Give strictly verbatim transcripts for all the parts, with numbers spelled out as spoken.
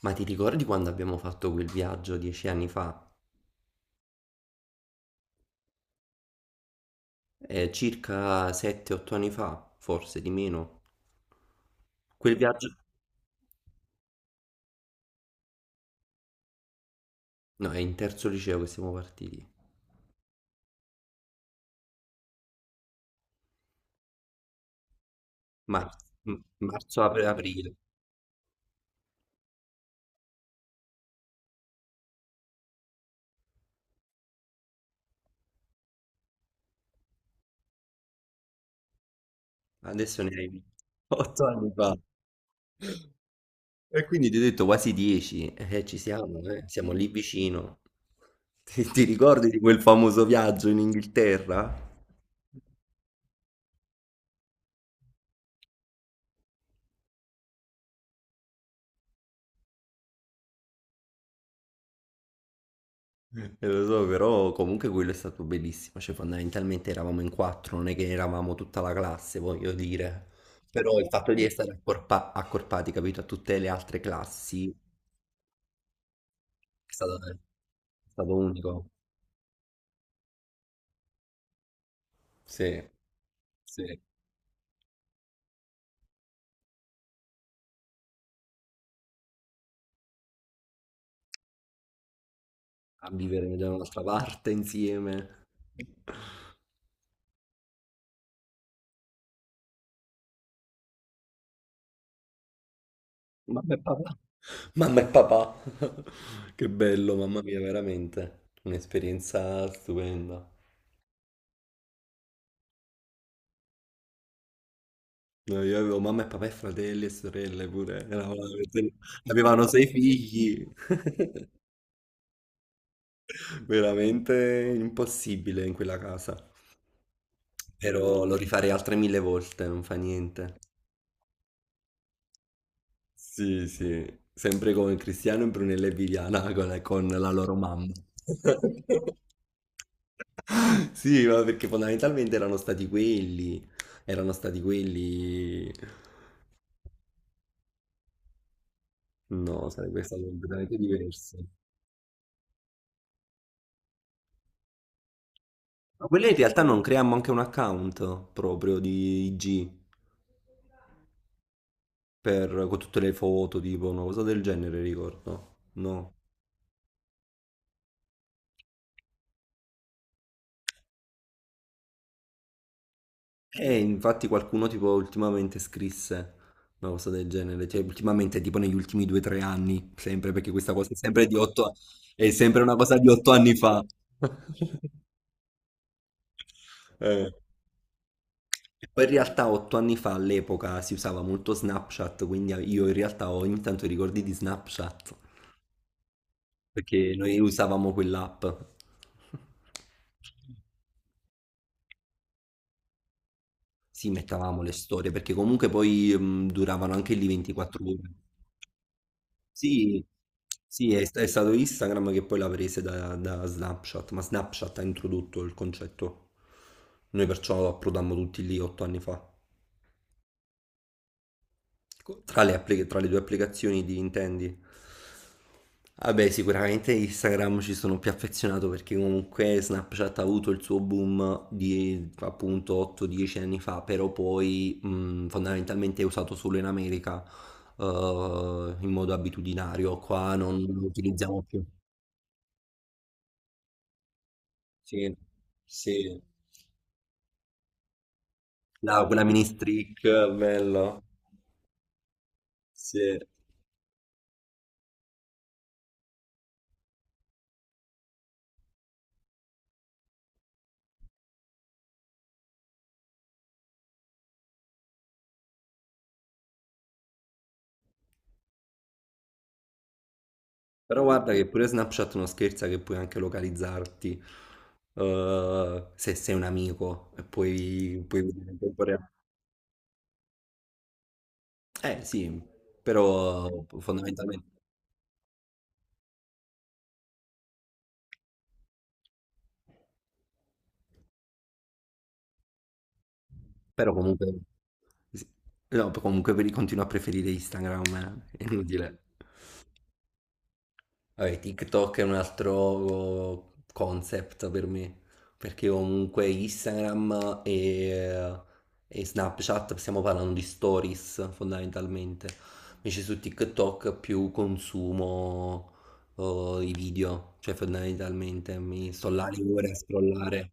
Ma ti ricordi quando abbiamo fatto quel viaggio dieci anni fa? Eh, circa sette otto anni fa, forse di meno. Quel viaggio... No, è in terzo liceo che siamo partiti. Marzo, marzo apri- aprile. Adesso ne hai otto anni fa. E quindi ti ho detto quasi dieci. Eh, ci siamo, eh, siamo lì vicino. Ti, ti ricordi di quel famoso viaggio in Inghilterra? Eh, Lo so, però comunque quello è stato bellissimo, cioè fondamentalmente eravamo in quattro, non è che eravamo tutta la classe, voglio dire, però il fatto di essere accorpa- accorpati, capito, a tutte le altre classi è stato, è stato unico. Sì, sì, a vivere da un'altra parte insieme. Mamma e papà. Mamma e papà. Che bello, mamma mia, veramente. Un'esperienza stupenda. No, io avevo mamma e papà e fratelli e sorelle pure, eravamo veramente, avevano sei figli, veramente impossibile in quella casa, però lo rifarei altre mille volte, non fa niente. Sì, sì, sempre con Cristiano, Brunella e Viviana, con, con la loro mamma. Sì, ma perché fondamentalmente erano stati quelli, erano stati quelli. No, sarebbe stato completamente diverso. Ma quella in realtà non creiamo anche un account proprio di I G per, con tutte le foto, tipo una cosa del genere, ricordo. No. E infatti qualcuno tipo ultimamente scrisse una cosa del genere, cioè ultimamente tipo negli ultimi due o tre anni, sempre perché questa cosa è sempre di otto, è sempre una cosa di otto anni fa. Eh. E poi in realtà otto anni fa all'epoca si usava molto Snapchat, quindi io in realtà ho ogni tanto i ricordi di Snapchat, perché noi usavamo quell'app. Sì, mettavamo le storie perché comunque poi mh, duravano anche lì ventiquattro ore. Sì, sì, è, è stato Instagram che poi l'ha prese da, da Snapchat, ma Snapchat ha introdotto il concetto. Noi perciò approdammo tutti lì otto anni fa. Co- Tra le, appli- tra le due applicazioni di intendi? Vabbè, sicuramente Instagram ci sono più affezionato perché comunque Snapchat ha avuto il suo boom di appunto otto dieci anni fa, però poi mh, fondamentalmente è usato solo in America, eh, in modo abitudinario, qua non lo utilizziamo più. Sì, sì. La, quella mini streak, bello. Sì. Però guarda che pure Snapchat non scherza che puoi anche localizzarti, eh, se sei un amico e puoi, puoi vedere in tempo reale. Eh sì, però fondamentalmente, però comunque, sì. No, comunque per- continuo a preferire Instagram, eh, è inutile. Vabbè, TikTok è un altro concept per me, perché comunque Instagram e, e Snapchat stiamo parlando di stories fondamentalmente, invece su TikTok più consumo eh, i video, cioè fondamentalmente mi sto là le ore a scrollare.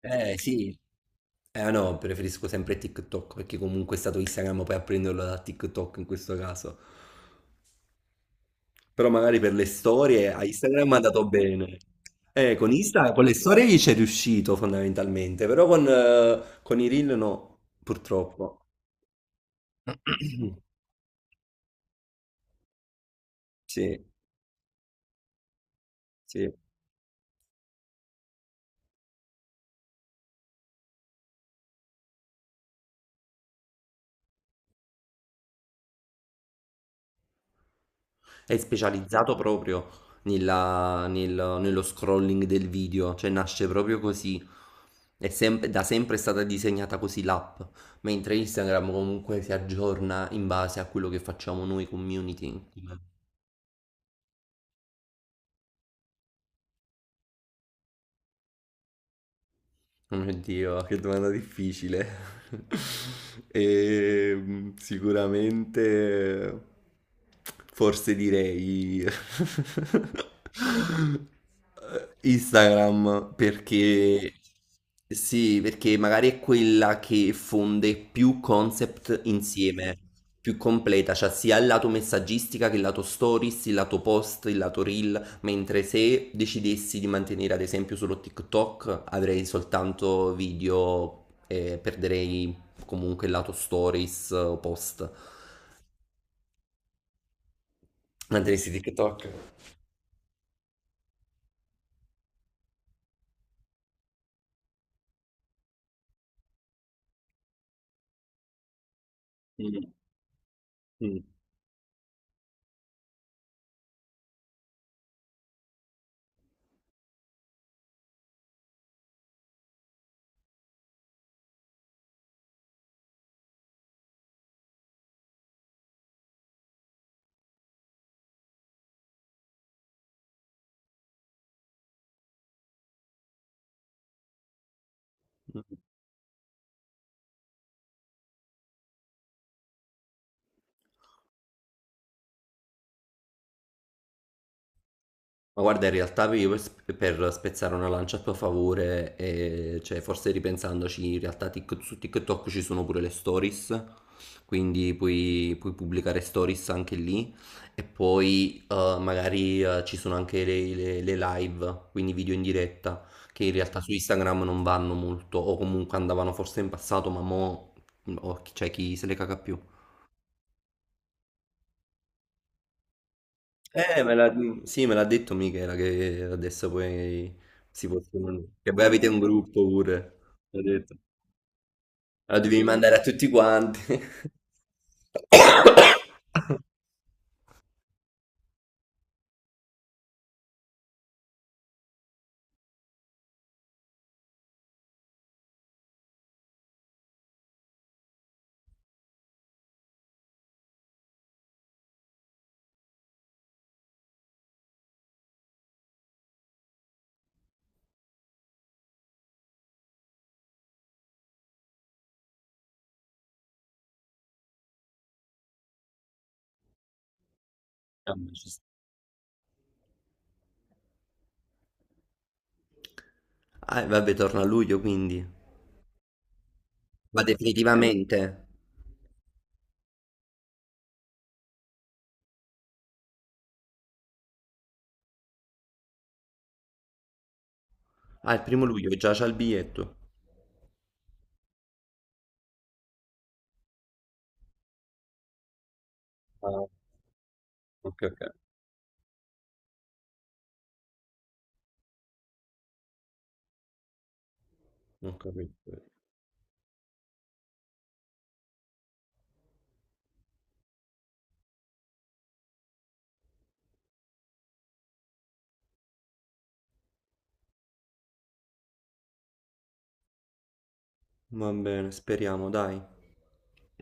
Eh sì, eh no, preferisco sempre TikTok perché comunque è stato Instagram poi a prenderlo da TikTok in questo caso. Però magari per le storie a Instagram è andato bene. Eh, con Insta, con le storie gli c'è riuscito fondamentalmente, però con, eh, con i reel no, purtroppo. Sì, sì. È specializzato proprio nella- nel- nello scrolling del video, cioè nasce proprio così. È sempre, da sempre è stata disegnata così l'app, mentre Instagram comunque si aggiorna in base a quello che facciamo noi community. Oh mio Dio, che domanda difficile. E, sicuramente, forse direi Instagram, perché sì, perché magari è quella che fonde più concept insieme, più completa, cioè sia il lato messaggistica che il lato stories, il lato post, il lato reel. Mentre se decidessi di mantenere ad esempio solo TikTok, avrei soltanto video e perderei comunque il lato stories o post. Mantenessi TikTok. Mm, mm. Ma guarda, in realtà io per sp- per spezzare una lancia a tuo favore, eh, cioè forse ripensandoci, in realtà Tik- su TikTok ci sono pure le stories, quindi puoi, puoi pubblicare stories anche lì e poi eh, magari eh, ci sono anche le, le- le live, quindi video in diretta, che in realtà su Instagram non vanno molto, o comunque andavano forse in passato, ma mo' oh, cioè, chi se le caga più. Eh, me l'ha mm, sì, me l'ha detto Michela che adesso poi si possono. Che voi avete un gruppo pure. L'ha detto. La devi mandare a tutti quanti. Vabbè, ci sta. Ah, e vabbè, torna a luglio quindi. Ma definitivamente. Ah, il primo luglio già c'ha il biglietto. Ah, ok, ok. Non capito. Va bene, speriamo, dai.